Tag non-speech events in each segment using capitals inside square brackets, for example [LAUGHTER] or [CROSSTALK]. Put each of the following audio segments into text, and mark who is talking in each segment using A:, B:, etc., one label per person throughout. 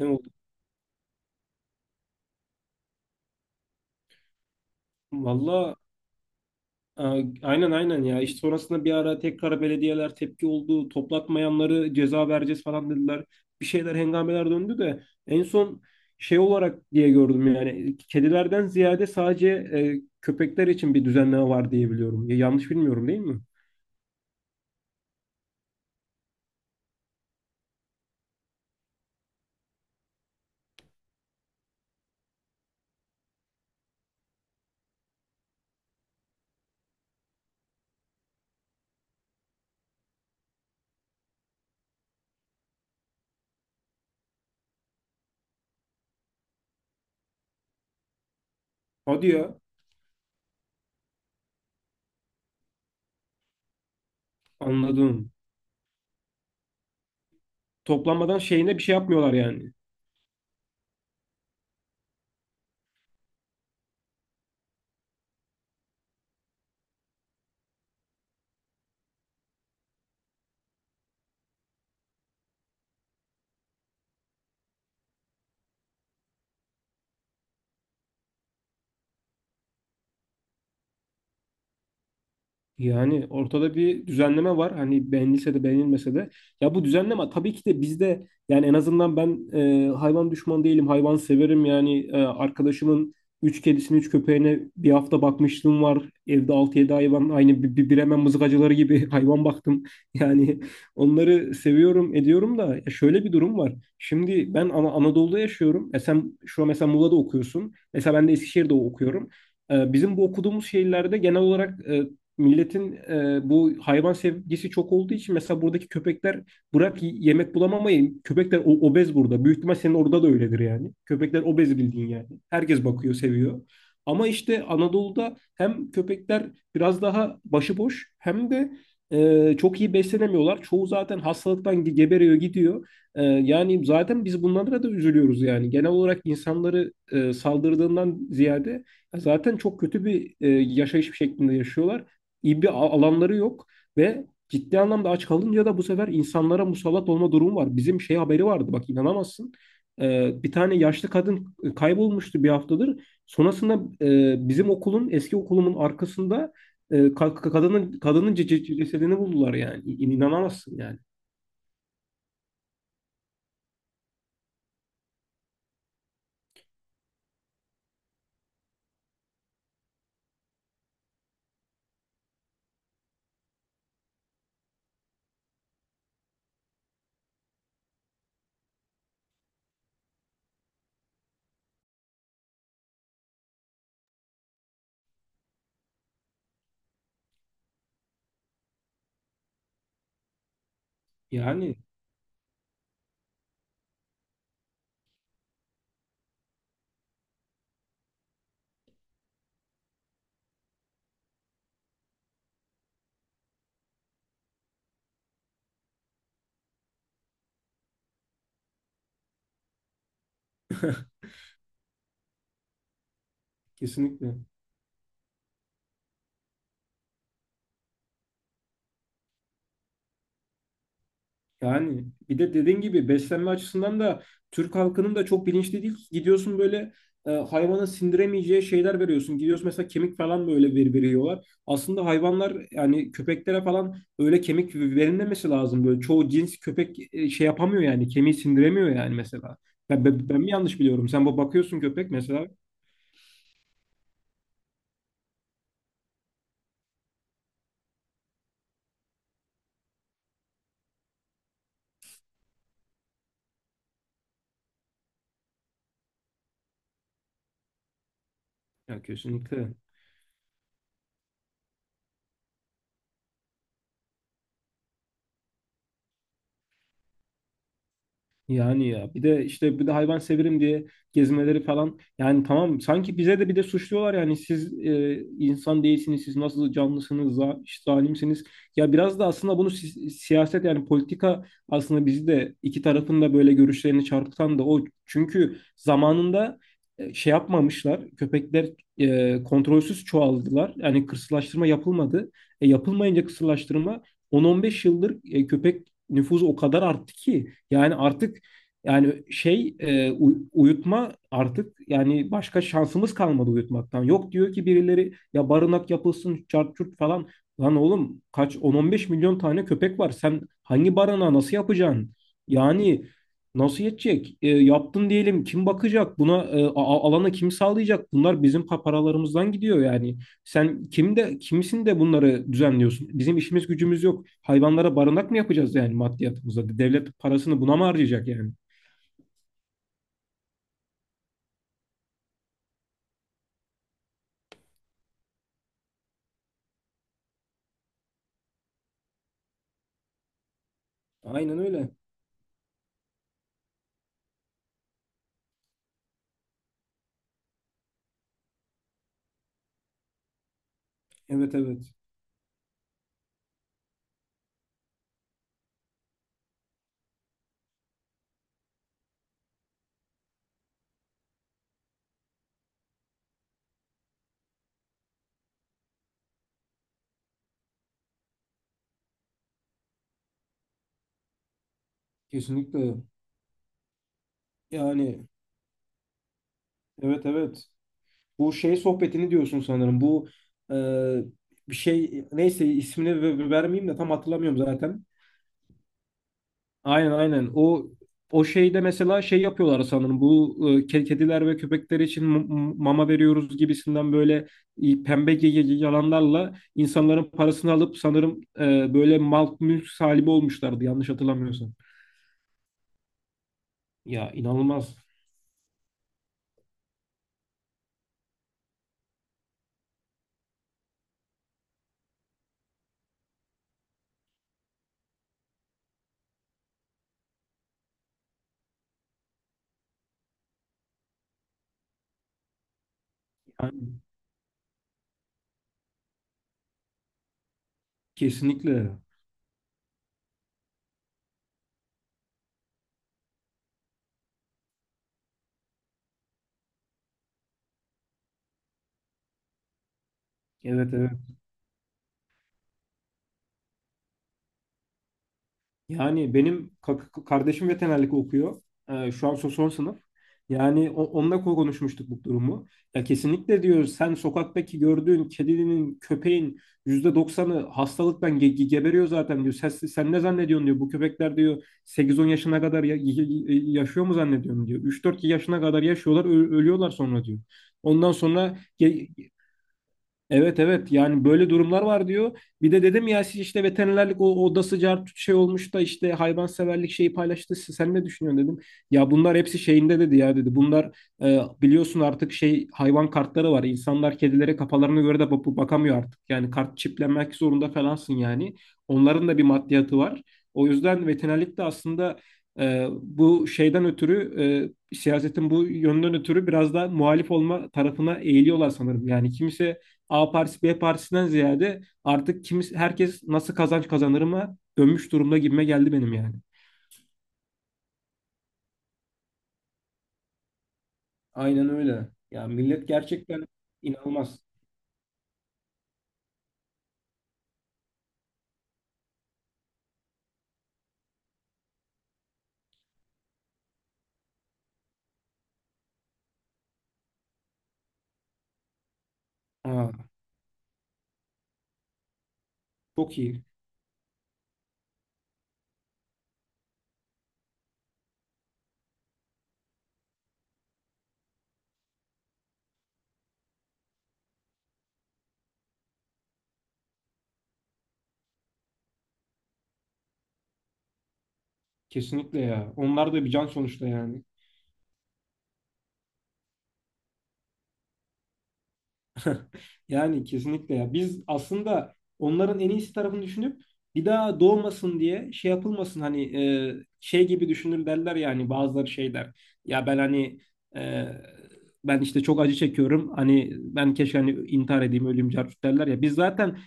A: Ne oldu? Valla, e, aynen aynen ya. İşte sonrasında bir ara tekrar belediyeler tepki oldu. Toplatmayanları ceza vereceğiz falan dediler. Bir şeyler hengameler döndü de en son şey olarak diye gördüm yani. Kedilerden ziyade sadece köpekler için bir düzenleme var diye biliyorum. Ya, yanlış bilmiyorum değil mi? Hadi ya. Anladım. Toplanmadan şeyine bir şey yapmıyorlar yani. Yani ortada bir düzenleme var. Hani beğenilse de beğenilmese de. Ya bu düzenleme tabii ki de bizde, yani en azından ben hayvan düşmanı değilim. Hayvan severim. Yani arkadaşımın 3 kedisini 3 köpeğine bir hafta bakmışlığım var. Evde altı yedi hayvan aynı bir Bremen mızıkacıları gibi [LAUGHS] hayvan baktım. Yani onları seviyorum ediyorum da ya şöyle bir durum var. Şimdi ben Anadolu'da yaşıyorum. E sen şu an mesela Muğla'da okuyorsun. Mesela ben de Eskişehir'de okuyorum. Bizim bu okuduğumuz şehirlerde genel olarak milletin bu hayvan sevgisi çok olduğu için mesela buradaki köpekler bırak yemek bulamamayı, köpekler obez burada. Büyük ihtimal senin orada da öyledir yani. Köpekler obez bildiğin yani. Herkes bakıyor, seviyor. Ama işte Anadolu'da hem köpekler biraz daha başıboş hem de çok iyi beslenemiyorlar. Çoğu zaten hastalıktan geberiyor gidiyor. Yani zaten biz bunlara da üzülüyoruz yani. Genel olarak insanları saldırdığından ziyade zaten çok kötü bir yaşayış şeklinde yaşıyorlar, iyi bir alanları yok ve ciddi anlamda aç kalınca da bu sefer insanlara musallat olma durumu var. Bizim şey haberi vardı, bak inanamazsın. Bir tane yaşlı kadın kaybolmuştu bir haftadır. Sonrasında bizim okulun, eski okulumun arkasında kadının cesedini buldular yani. İnanamazsın yani. Yani kesinlikle. Yani bir de dediğin gibi beslenme açısından da Türk halkının da çok bilinçli değil. Gidiyorsun böyle hayvana sindiremeyeceği şeyler veriyorsun. Gidiyorsun mesela kemik falan böyle veriyorlar. Aslında hayvanlar yani köpeklere falan öyle kemik verilmemesi lazım. Böyle çoğu cins köpek şey yapamıyor yani kemiği sindiremiyor yani mesela. Ben mi yanlış biliyorum? Sen bu bakıyorsun köpek mesela. Ya kesinlikle. Yani ya bir de işte bir de hayvan severim diye gezmeleri falan yani tamam, sanki bize de bir de suçluyorlar yani siz insan değilsiniz, siz nasıl canlısınız, işte zalimsiniz. Ya biraz da aslında bunu siyaset, yani politika, aslında bizi de iki tarafın da böyle görüşlerini çarpıtan da o, çünkü zamanında şey yapmamışlar, köpekler kontrolsüz çoğaldılar, yani kısırlaştırma yapılmadı. Yapılmayınca kısırlaştırma, 10-15 yıldır köpek nüfusu o kadar arttı ki yani artık yani şey, uyutma artık yani başka şansımız kalmadı uyutmaktan. Yok, diyor ki birileri, ya barınak yapılsın çart çurt falan. Lan oğlum kaç 10-15 milyon tane köpek var. Sen hangi barınağı nasıl yapacaksın? Yani nasıl yetecek? Yaptın diyelim kim bakacak? Buna alanı kim sağlayacak? Bunlar bizim paralarımızdan gidiyor yani. Sen kim de kimsin de bunları düzenliyorsun? Bizim işimiz gücümüz yok. Hayvanlara barınak mı yapacağız yani maddiyatımıza? Devlet parasını buna mı harcayacak yani? Aynen öyle. Evet evet. Kesinlikle. Yani evet evet. Bu şey sohbetini diyorsun sanırım. Bu e, bir şey, neyse ismini vermeyeyim de tam hatırlamıyorum zaten. Aynen aynen. O şeyde mesela şey yapıyorlar sanırım. Bu kediler ve köpekler için mama veriyoruz gibisinden böyle pembe yalanlarla insanların parasını alıp sanırım böyle mal mülk sahibi olmuşlardı, yanlış hatırlamıyorsam. Ya inanılmaz. Yani kesinlikle. Evet evet. Yani benim kardeşim veterinerlik okuyor. Şu an son sınıf. Yani onunla konuşmuştuk bu durumu. Ya kesinlikle, diyor, sen sokaktaki gördüğün kedinin, köpeğin %90'ı hastalıktan geberiyor zaten diyor. Sen ne zannediyorsun diyor. Bu köpekler diyor 8-10 yaşına kadar yaşıyor mu zannediyorsun diyor. 3-4 yaşına kadar yaşıyorlar, ölüyorlar sonra diyor. Ondan sonra. Evet evet yani böyle durumlar var diyor. Bir de dedim ya, siz işte veterinerlik o odası cart şey olmuş da işte hayvanseverlik şeyi paylaştı. Sen ne düşünüyorsun dedim. Ya bunlar hepsi şeyinde dedi ya dedi. Bunlar biliyorsun artık şey hayvan kartları var. İnsanlar kedilere kafalarına göre de bakamıyor artık. Yani kart çiplenmek zorunda falansın yani. Onların da bir maddiyatı var. O yüzden veterinerlik de aslında bu şeyden ötürü, siyasetin bu yönden ötürü biraz da muhalif olma tarafına eğiliyorlar sanırım. Yani kimse, A partisi B partisinden ziyade, artık herkes nasıl kazanç kazanır mı dönmüş durumda gibime geldi benim yani. Aynen öyle. Ya millet gerçekten inanılmaz. Ha, çok iyi. Kesinlikle ya. Onlar da bir can sonuçta yani. [LAUGHS] Yani kesinlikle ya. Biz aslında onların en iyisi tarafını düşünüp bir daha doğmasın diye, şey yapılmasın, hani şey gibi düşünür derler yani bazıları şeyler. Ya ben hani e, ben işte çok acı çekiyorum, hani ben keşke hani intihar edeyim öleyim carcut derler ya. Biz zaten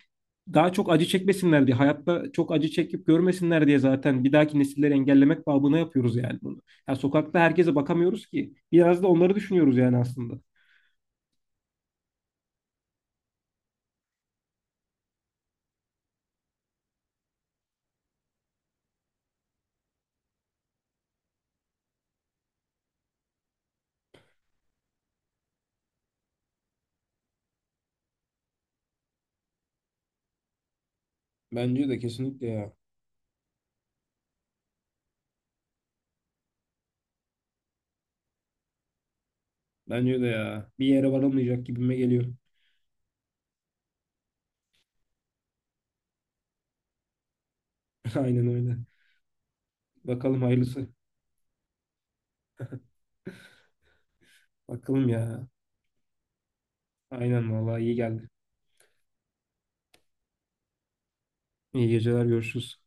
A: daha çok acı çekmesinler diye, hayatta çok acı çekip görmesinler diye zaten bir dahaki nesilleri engellemek babına yapıyoruz yani bunu. Ya sokakta herkese bakamıyoruz ki. Biraz da onları düşünüyoruz yani aslında. Bence de kesinlikle ya. Bence de ya. Bir yere varılmayacak gibime geliyor. [LAUGHS] Aynen öyle. Bakalım hayırlısı. Bakalım ya. Aynen vallahi iyi geldi. İyi geceler, görüşürüz.